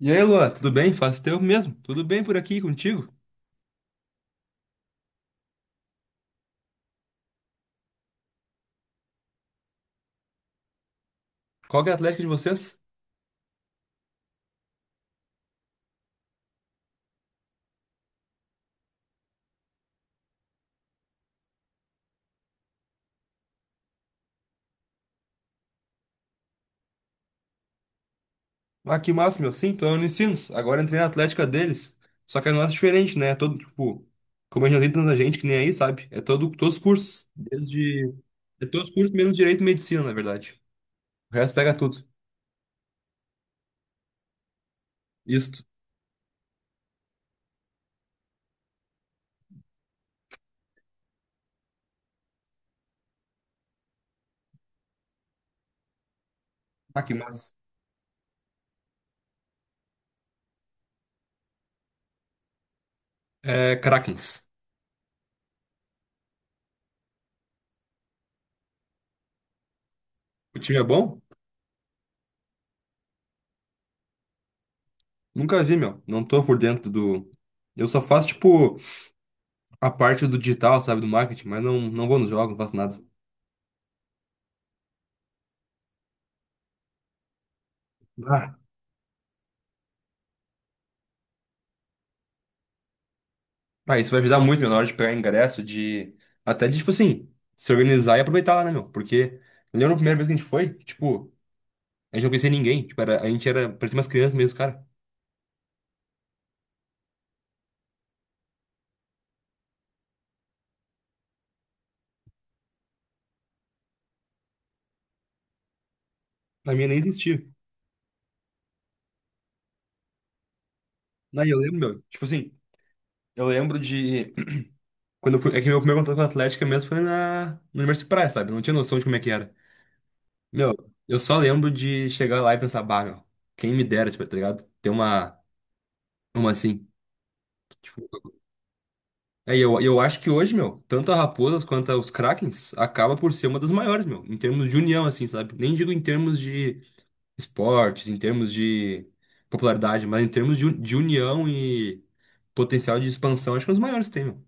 E aí, Luan, tudo bem? Faz tempo mesmo? Tudo bem por aqui contigo? Qual que é a Atlética de vocês? Ah, que massa, meu. Sim, tô na Unicinos. Agora entrei na Atlética deles. Só que a nossa é diferente, né? É todo, tipo, como a gente não tem tanta gente que nem aí, sabe? É todo, todos os cursos. Desde. É todos os cursos menos Direito e Medicina, na verdade. O resto pega tudo. Isto. Ah, que massa. É, Krakens. O time é bom? Nunca vi, meu. Não tô por dentro do. Eu só faço, tipo, a parte do digital, sabe? Do marketing, mas não, não vou nos jogos, não faço nada. Ah, isso vai ajudar muito, meu, na hora de pegar ingresso, de. Até de, tipo assim, se organizar e aproveitar lá, né, meu? Porque eu lembro a primeira vez que a gente foi, tipo, a gente não conhecia ninguém. Tipo, a gente era, parecia umas crianças mesmo, cara. A minha nem existia. Daí eu lembro, meu, tipo assim, eu lembro de. Quando eu fui. É que meu primeiro contato com a Atlética mesmo foi no Universidade Praia, sabe? Eu não tinha noção de como é que era. Meu, eu só lembro de chegar lá e pensar, bah, meu, quem me dera, tipo, tá ligado? Ter uma. Uma assim. Tipo. É, e eu acho que hoje, meu, tanto a Raposas quanto os Krakens acaba por ser uma das maiores, meu, em termos de união, assim, sabe? Nem digo em termos de esportes, em termos de popularidade, mas em termos de, de união e potencial de expansão, acho que é um dos maiores que tem, meu.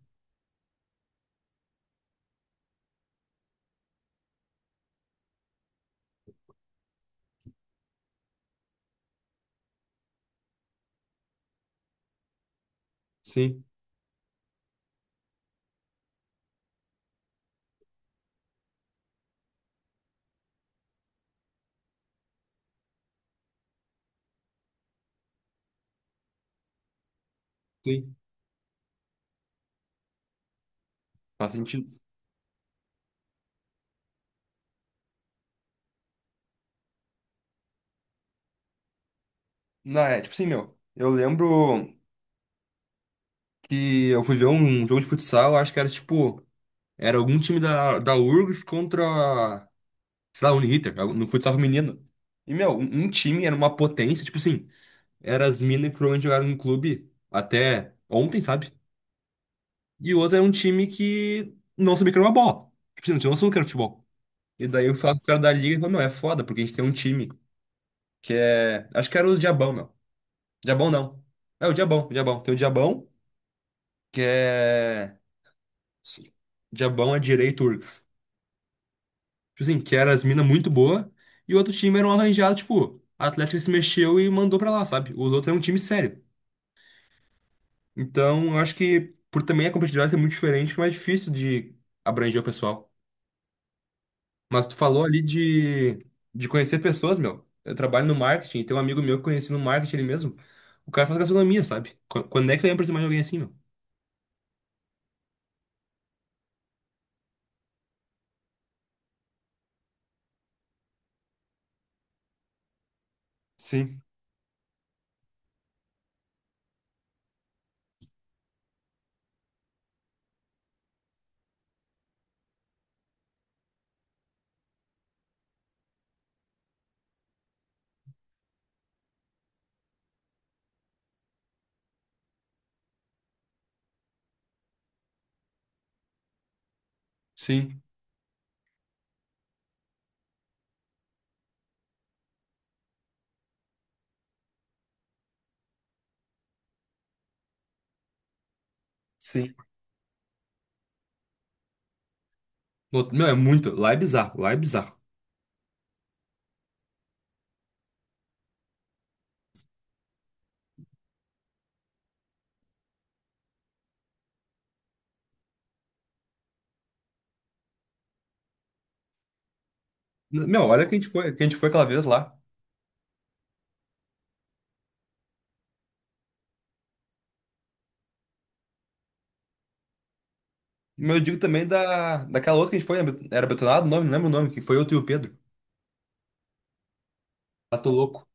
Sim, sim. Faz sentido. Não, é, tipo assim, meu, eu lembro que eu fui ver um jogo de futsal, acho que era tipo, era algum time da URGS contra, sei lá, Uniriter, no futsal feminino. E, meu, um time era uma potência, tipo assim. Era as minas que provavelmente jogaram no clube até ontem, sabe? E o outro era um time que não sabia que era uma bola. Tipo, assim, não tinha noção do que era futebol. E daí o sócio cara da liga falou, meu, é foda, porque a gente tem um time que é... Acho que era o Diabão, meu. Diabão não. É o Diabão, o Diabão. Tem o Diabão, que é... Diabão é direito Turks. Tipo assim, que era as minas muito boa. E o outro time era um arranjado, tipo, a Atlética se mexeu e mandou pra lá, sabe? Os outros eram um time sério. Então, eu acho que por também a competitividade ser muito diferente, é mais difícil de abranger o pessoal. Mas tu falou ali de conhecer pessoas, meu. Eu trabalho no marketing, tem um amigo meu que eu conheci no marketing ele mesmo. O cara faz gastronomia, sabe? Quando é que eu ia aproximar de alguém assim, meu? Sim, sim, sim. Meu, é muito. Lá é bizarro, lá é bizarro. Meu, olha que a gente foi aquela vez lá. Meu, eu digo também daquela outra que a gente foi, era Betonado, o nome, não lembro o nome, que foi eu, tu e o Pedro. Ah, tô louco.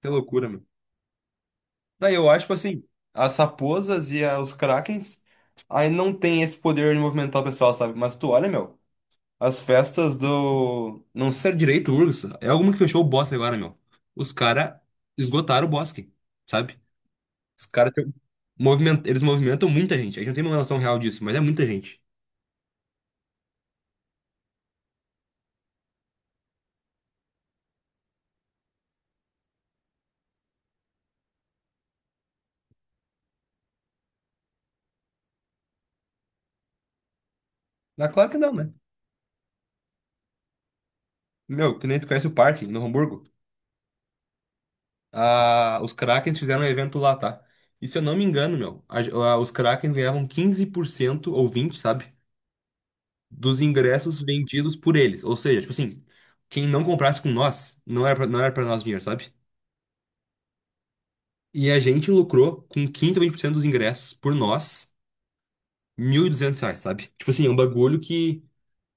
Que loucura, meu. Daí eu acho, tipo assim, as raposas e os Krakens aí não tem esse poder de movimentar o pessoal, sabe? Mas tu olha, meu, as festas do. Não sei se é direito, URGS. É alguma que fechou o bosque agora, meu. Os caras esgotaram o bosque, sabe? Os caras tão- moviment... Eles movimentam muita gente. A gente não tem uma noção real disso, mas é muita gente. Ah, claro que não, né? Meu, que nem tu conhece o parque no Hamburgo. Ah, os Krakens fizeram um evento lá, tá? E se eu não me engano, meu, os Krakens ganhavam quinze por cento ou 20, sabe? Dos ingressos vendidos por eles. Ou seja, tipo assim, quem não comprasse com nós, não era pra nós dinheiro, sabe? E a gente lucrou com 15 ou 20% dos ingressos por nós, R$1.200, sabe? Tipo assim, é um bagulho que,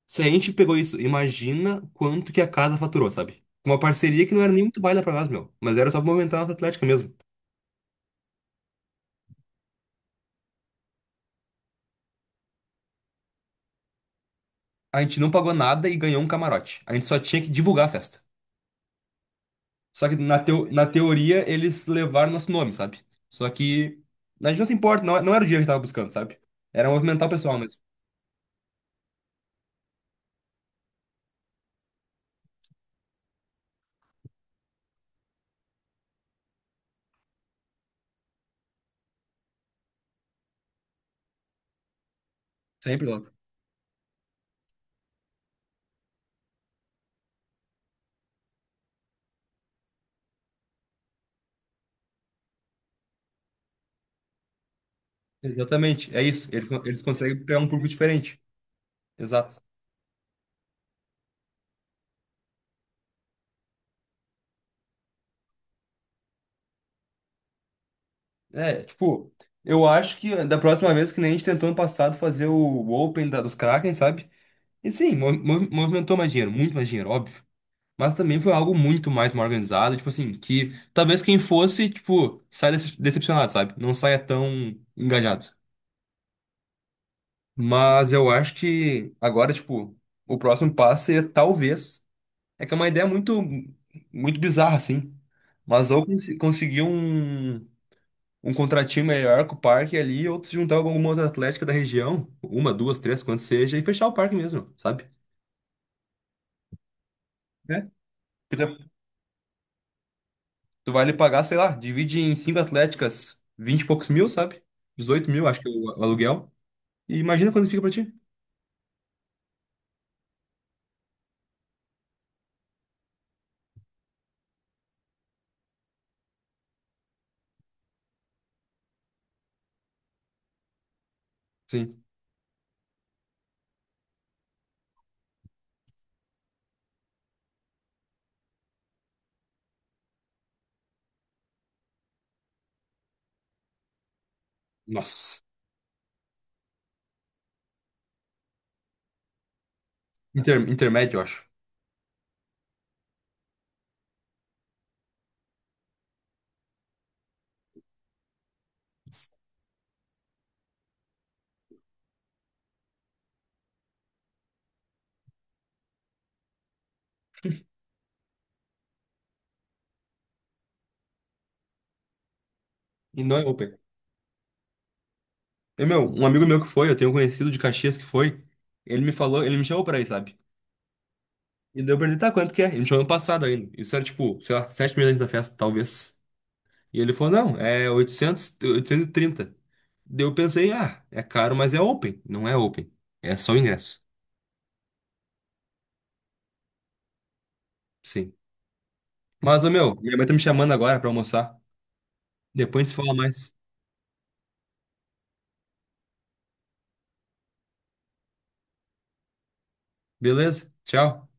se a gente pegou isso, imagina quanto que a casa faturou, sabe? Uma parceria que não era nem muito válida pra nós, meu, mas era só pra movimentar a nossa atlética mesmo. A gente não pagou nada e ganhou um camarote. A gente só tinha que divulgar a festa. Só que na teoria eles levaram nosso nome, sabe? Só que a gente não se importa, não, é, não era o dinheiro que tava buscando, sabe? Era movimentar o pessoal mesmo. Sempre lota. Exatamente, é isso. Eles conseguem pegar um público diferente. Exato. É, tipo, eu acho que da próxima vez que nem a gente tentou ano passado fazer o Open dos Kraken, sabe? E sim, movimentou mais dinheiro, muito mais dinheiro, óbvio. Mas também foi algo muito mais mal organizado, tipo assim, que talvez quem fosse, tipo, saia decepcionado, sabe? Não saia tão engajado. Mas eu acho que agora, tipo, o próximo passo é talvez. É que é uma ideia muito, muito bizarra, assim. Mas ou conseguir um, contratinho melhor com o parque ali, ou se juntar com alguma outra atlética da região, uma, duas, três, quanto seja, e fechar o parque mesmo, sabe? É. Porque tu vai lhe pagar, sei lá, divide em cinco atléticas, vinte e poucos mil, sabe? 18.000, acho que é o aluguel. E imagina quando fica pra ti. Sim. Nossa. Intermédio, eu acho. E não é open. E, meu, um amigo meu que foi, eu tenho um conhecido de Caxias que foi, ele me falou, ele me chamou pra ir, sabe? E daí eu perguntei, tá, quanto que é? Ele me chamou ano passado ainda. Isso era tipo, sei lá, 7 meses antes da festa, talvez. E ele falou, não, é oitocentos e trinta. Daí eu pensei, ah, é caro, mas é open. Não é open. É só o ingresso. Sim. Mas, ô, meu, minha mãe tá me chamando agora pra almoçar. Depois a gente se fala mais. Beleza? Tchau.